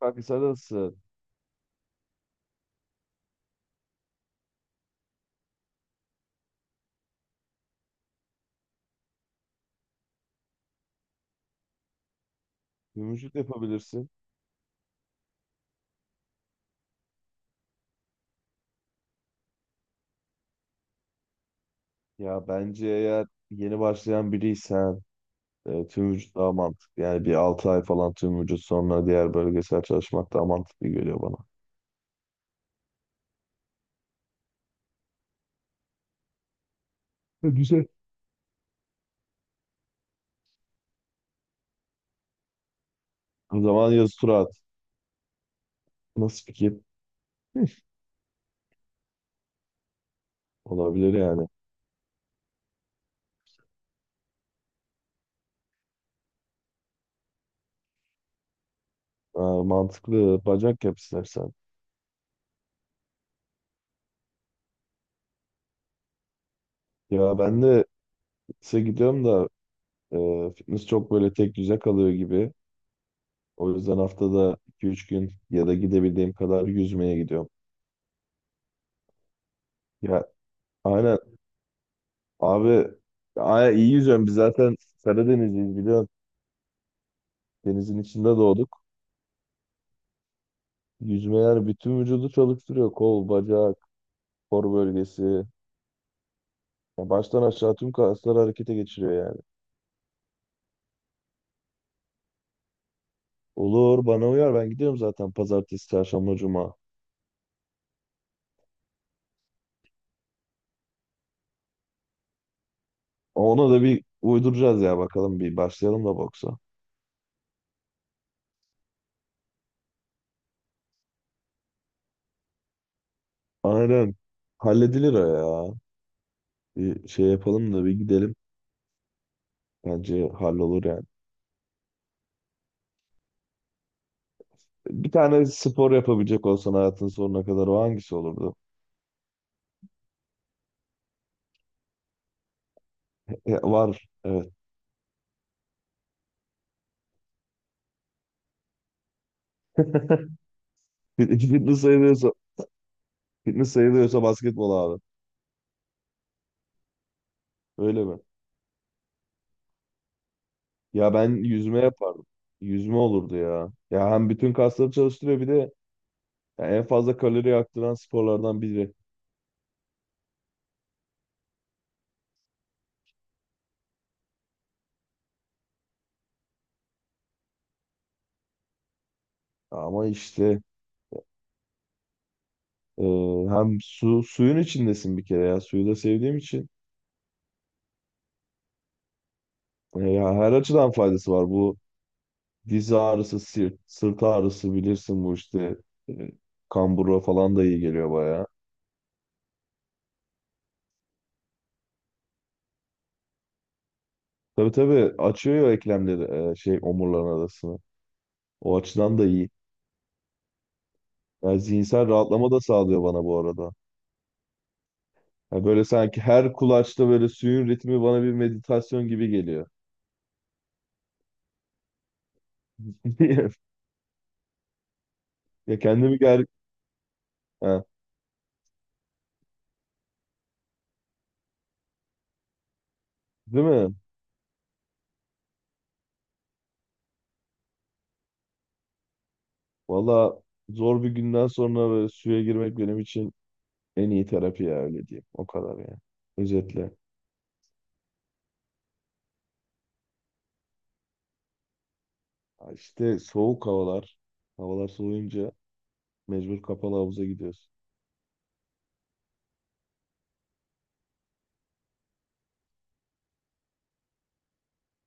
Kanka sen nasıl? Tüm vücut yapabilirsin. Ya bence eğer yeni başlayan biriysen tüm vücut daha mantıklı. Yani bir 6 ay falan tüm vücut sonra diğer bölgesel çalışmak daha mantıklı geliyor bana. Ha, güzel. O zaman yazı tura at. Nasıl fikir? Olabilir yani. Ha, mantıklı. Bacak yap istersen. Ya ben de fitness'e gidiyorum da fitness çok böyle tek düze kalıyor gibi. O yüzden haftada 2-3 gün ya da gidebildiğim kadar yüzmeye gidiyorum. Ya, aynen. Abi, aya iyi yüzüyorum. Biz zaten Karadenizliyiz, biliyorsun. Denizin içinde doğduk. Yüzme yani bütün vücudu çalıştırıyor. Kol, bacak, kor bölgesi. Ya baştan aşağı tüm kasları harekete geçiriyor yani. Olur, bana uyar, ben gidiyorum zaten pazartesi, çarşamba, cuma. Ona da bir uyduracağız ya, bakalım bir başlayalım da boksa. Aynen. Halledilir o ya. Bir şey yapalım da bir gidelim. Bence hallolur yani. Bir tane spor yapabilecek olsan hayatın sonuna kadar o hangisi olurdu? Ya, var. Evet. Fit- Fitness sayılıyorsa, fitness sayılıyorsa, basketbol abi. Öyle mi? Ya ben yüzme yapardım. Yüzme olurdu ya. Ya hem bütün kasları çalıştırıyor, bir de ya en fazla kalori yaktıran sporlardan biri. Ama işte e, hem suyun içindesin bir kere ya. Suyu da sevdiğim için. Ya her açıdan faydası var. Bu diz ağrısı, sırt ağrısı bilirsin bu işte. E, Kambura falan da iyi geliyor bayağı. Tabii tabii, açıyor ya eklemleri, şey omurların arasını. O açıdan da iyi. Yani zihinsel rahatlama da sağlıyor bana bu arada. Yani böyle sanki her kulaçta böyle suyun ritmi bana bir meditasyon gibi geliyor. Ya kendimi ger... Ha, değil mi? Valla, zor bir günden sonra böyle suya girmek benim için en iyi terapi ya, öyle diyeyim. O kadar yani. Özetle. Ya, İşte soğuk havalar. Havalar soğuyunca mecbur kapalı havuza gidiyoruz.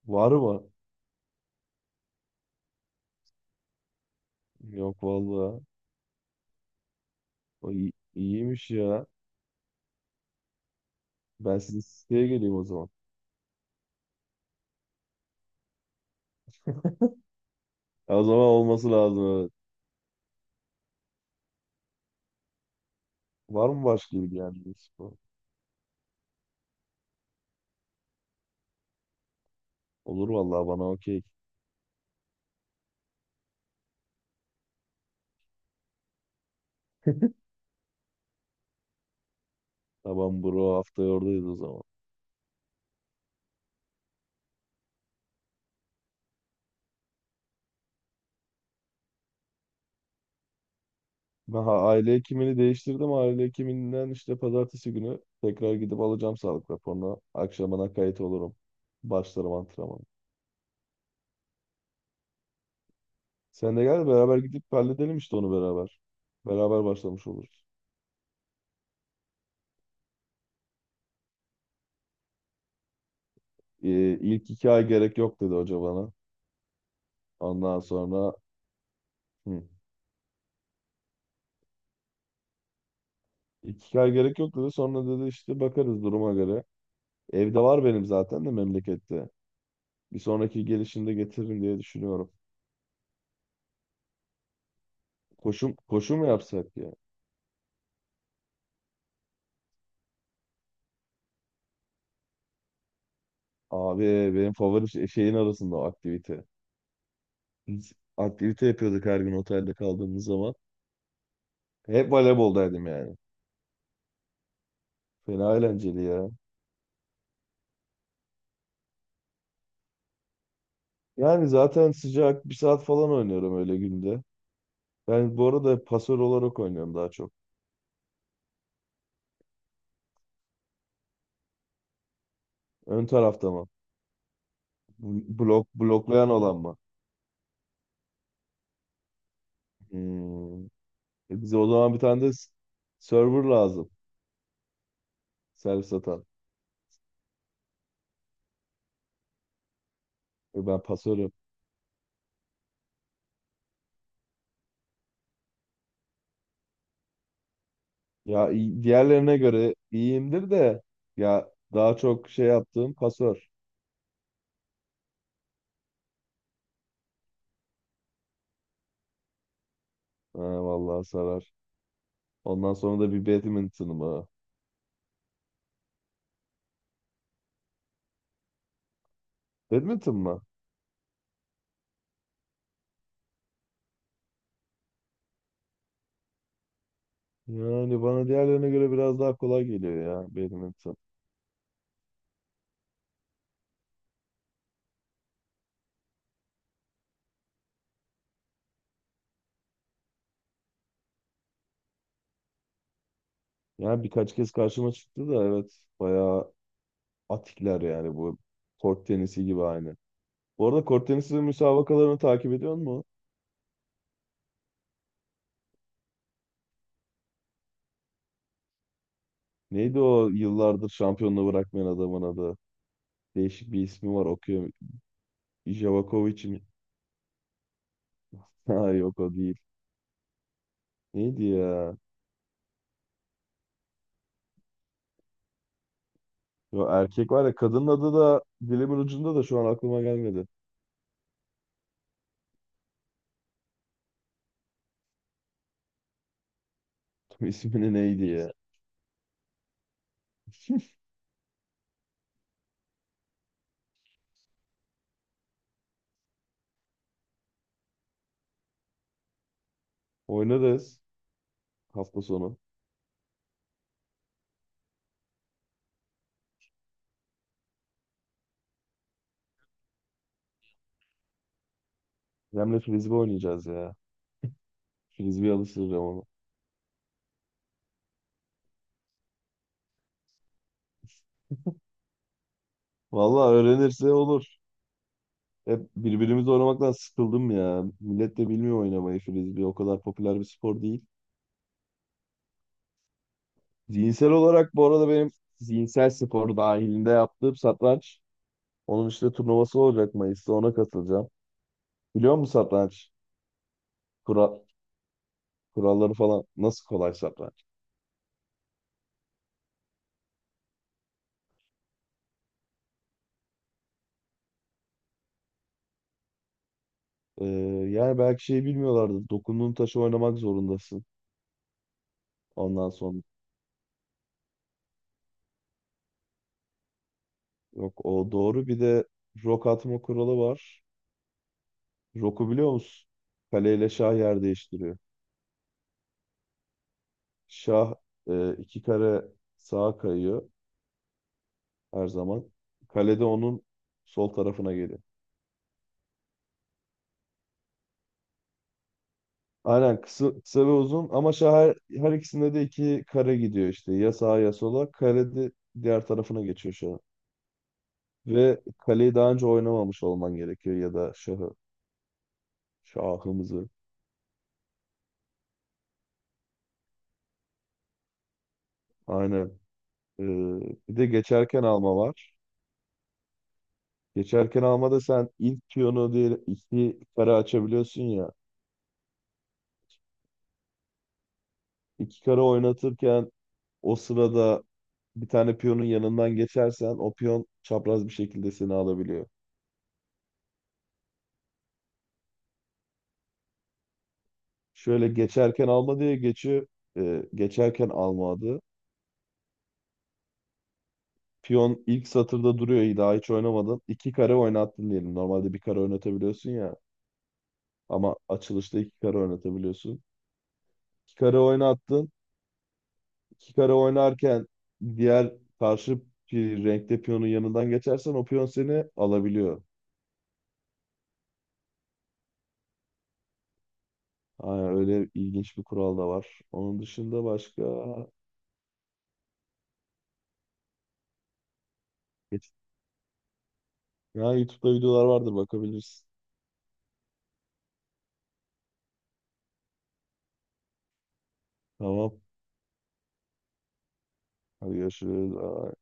Var mı? Yok valla. O iyiymiş ya. Ben sizin siteye geleyim o zaman. Ya, o zaman olması lazım. Evet. Var mı başka ilgilendiğiniz spor? Olur vallahi, bana okey. Tamam bro, haftaya oradayız o zaman. Ben aile hekimini değiştirdim. Aile hekiminden işte pazartesi günü tekrar gidip alacağım sağlık raporunu. Akşamına kayıt olurum. Başlarım antrenmanı. Sen de gel, beraber gidip halledelim işte onu beraber. Beraber başlamış oluruz. İlk 2 ay gerek yok dedi hoca bana. Ondan sonra hı, ilk iki ay gerek yok dedi. Sonra dedi işte bakarız duruma göre. Evde var benim zaten de memlekette. Bir sonraki gelişimde getiririm diye düşünüyorum. Koşu mu yapsak ya? Abi, benim favori şeyin arasında o aktivite. Biz aktivite yapıyorduk her gün otelde kaldığımız zaman. Hep voleyboldaydım yani. Fena eğlenceli ya. Yani zaten sıcak bir saat falan oynuyorum öyle günde. Ben bu arada pasör olarak oynuyorum daha çok. Ön tarafta mı? Blok, bloklayan olan mı? Hmm. E bize o zaman bir tane de server lazım. Servis atan. E ben pasörüm. Ya diğerlerine göre iyiyimdir de ya daha çok şey yaptığım pasör. Ha, vallahi sarar. Ondan sonra da bir badminton mı? Badminton mı? Yani bana diğerlerine göre biraz daha kolay geliyor ya badminton. Yani birkaç kez karşıma çıktı da evet, bayağı atikler yani bu, kort tenisi gibi aynı. Bu arada kort tenisi müsabakalarını takip ediyor musun? Neydi o yıllardır şampiyonluğu bırakmayan adamın adı? Değişik bir ismi var, okuyor. Javakovic mi? Ha, yok o değil. Neydi ya? Yo, erkek var ya, kadının adı da dilimin ucunda da şu an aklıma gelmedi. İsmini, neydi ya? Oynarız hafta sonu. Remle frisbee oynayacağız ya. Frisbee alıştıracağım onu. Vallahi öğrenirse olur. Hep birbirimizi oynamaktan sıkıldım ya. Millet de bilmiyor oynamayı frisbee. O kadar popüler bir spor değil. Zihinsel olarak bu arada benim zihinsel spor dahilinde yaptığım satranç. Onun işte turnuvası olacak Mayıs'ta, ona katılacağım. Biliyor musun satranç? Kural, kuralları falan nasıl kolay satranç? Ee, Yani belki şey bilmiyorlardı. Dokunduğun taşı oynamak zorundasın. Ondan sonra. Yok, o doğru. Bir de rok atma kuralı var. Roku biliyor musun? Kaleyle şah yer değiştiriyor. Şah iki kare sağa kayıyor her zaman. Kale de onun sol tarafına geliyor. Aynen, kısa ve uzun, ama şah her ikisinde de iki kare gidiyor işte. Ya sağa ya sola. Kale de diğer tarafına geçiyor şahın. Ve kaleyi daha önce oynamamış olman gerekiyor, ya da şahı. Şahımızı. Aynen. Ee, Bir de geçerken alma var. Geçerken almada sen ilk piyonu diye iki kare açabiliyorsun ya. İki kare oynatırken o sırada bir tane piyonun yanından geçersen o piyon çapraz bir şekilde seni alabiliyor. Şöyle geçerken alma diye geçiyor. Geçerken alma adı. Piyon ilk satırda duruyor. İyi, daha hiç oynamadın. İki kare oynattın diyelim. Normalde bir kare oynatabiliyorsun ya. Ama açılışta iki kare oynatabiliyorsun. İki kare oynattın. Kikara oynarken diğer karşı bir renkte piyonun yanından geçersen o piyon seni alabiliyor. Aynen, öyle ilginç bir kural da var. Onun dışında başka... Geç- Ya YouTube'da videolar vardır, bakabilirsin. Tamam. Hadi görüşürüz. Bye.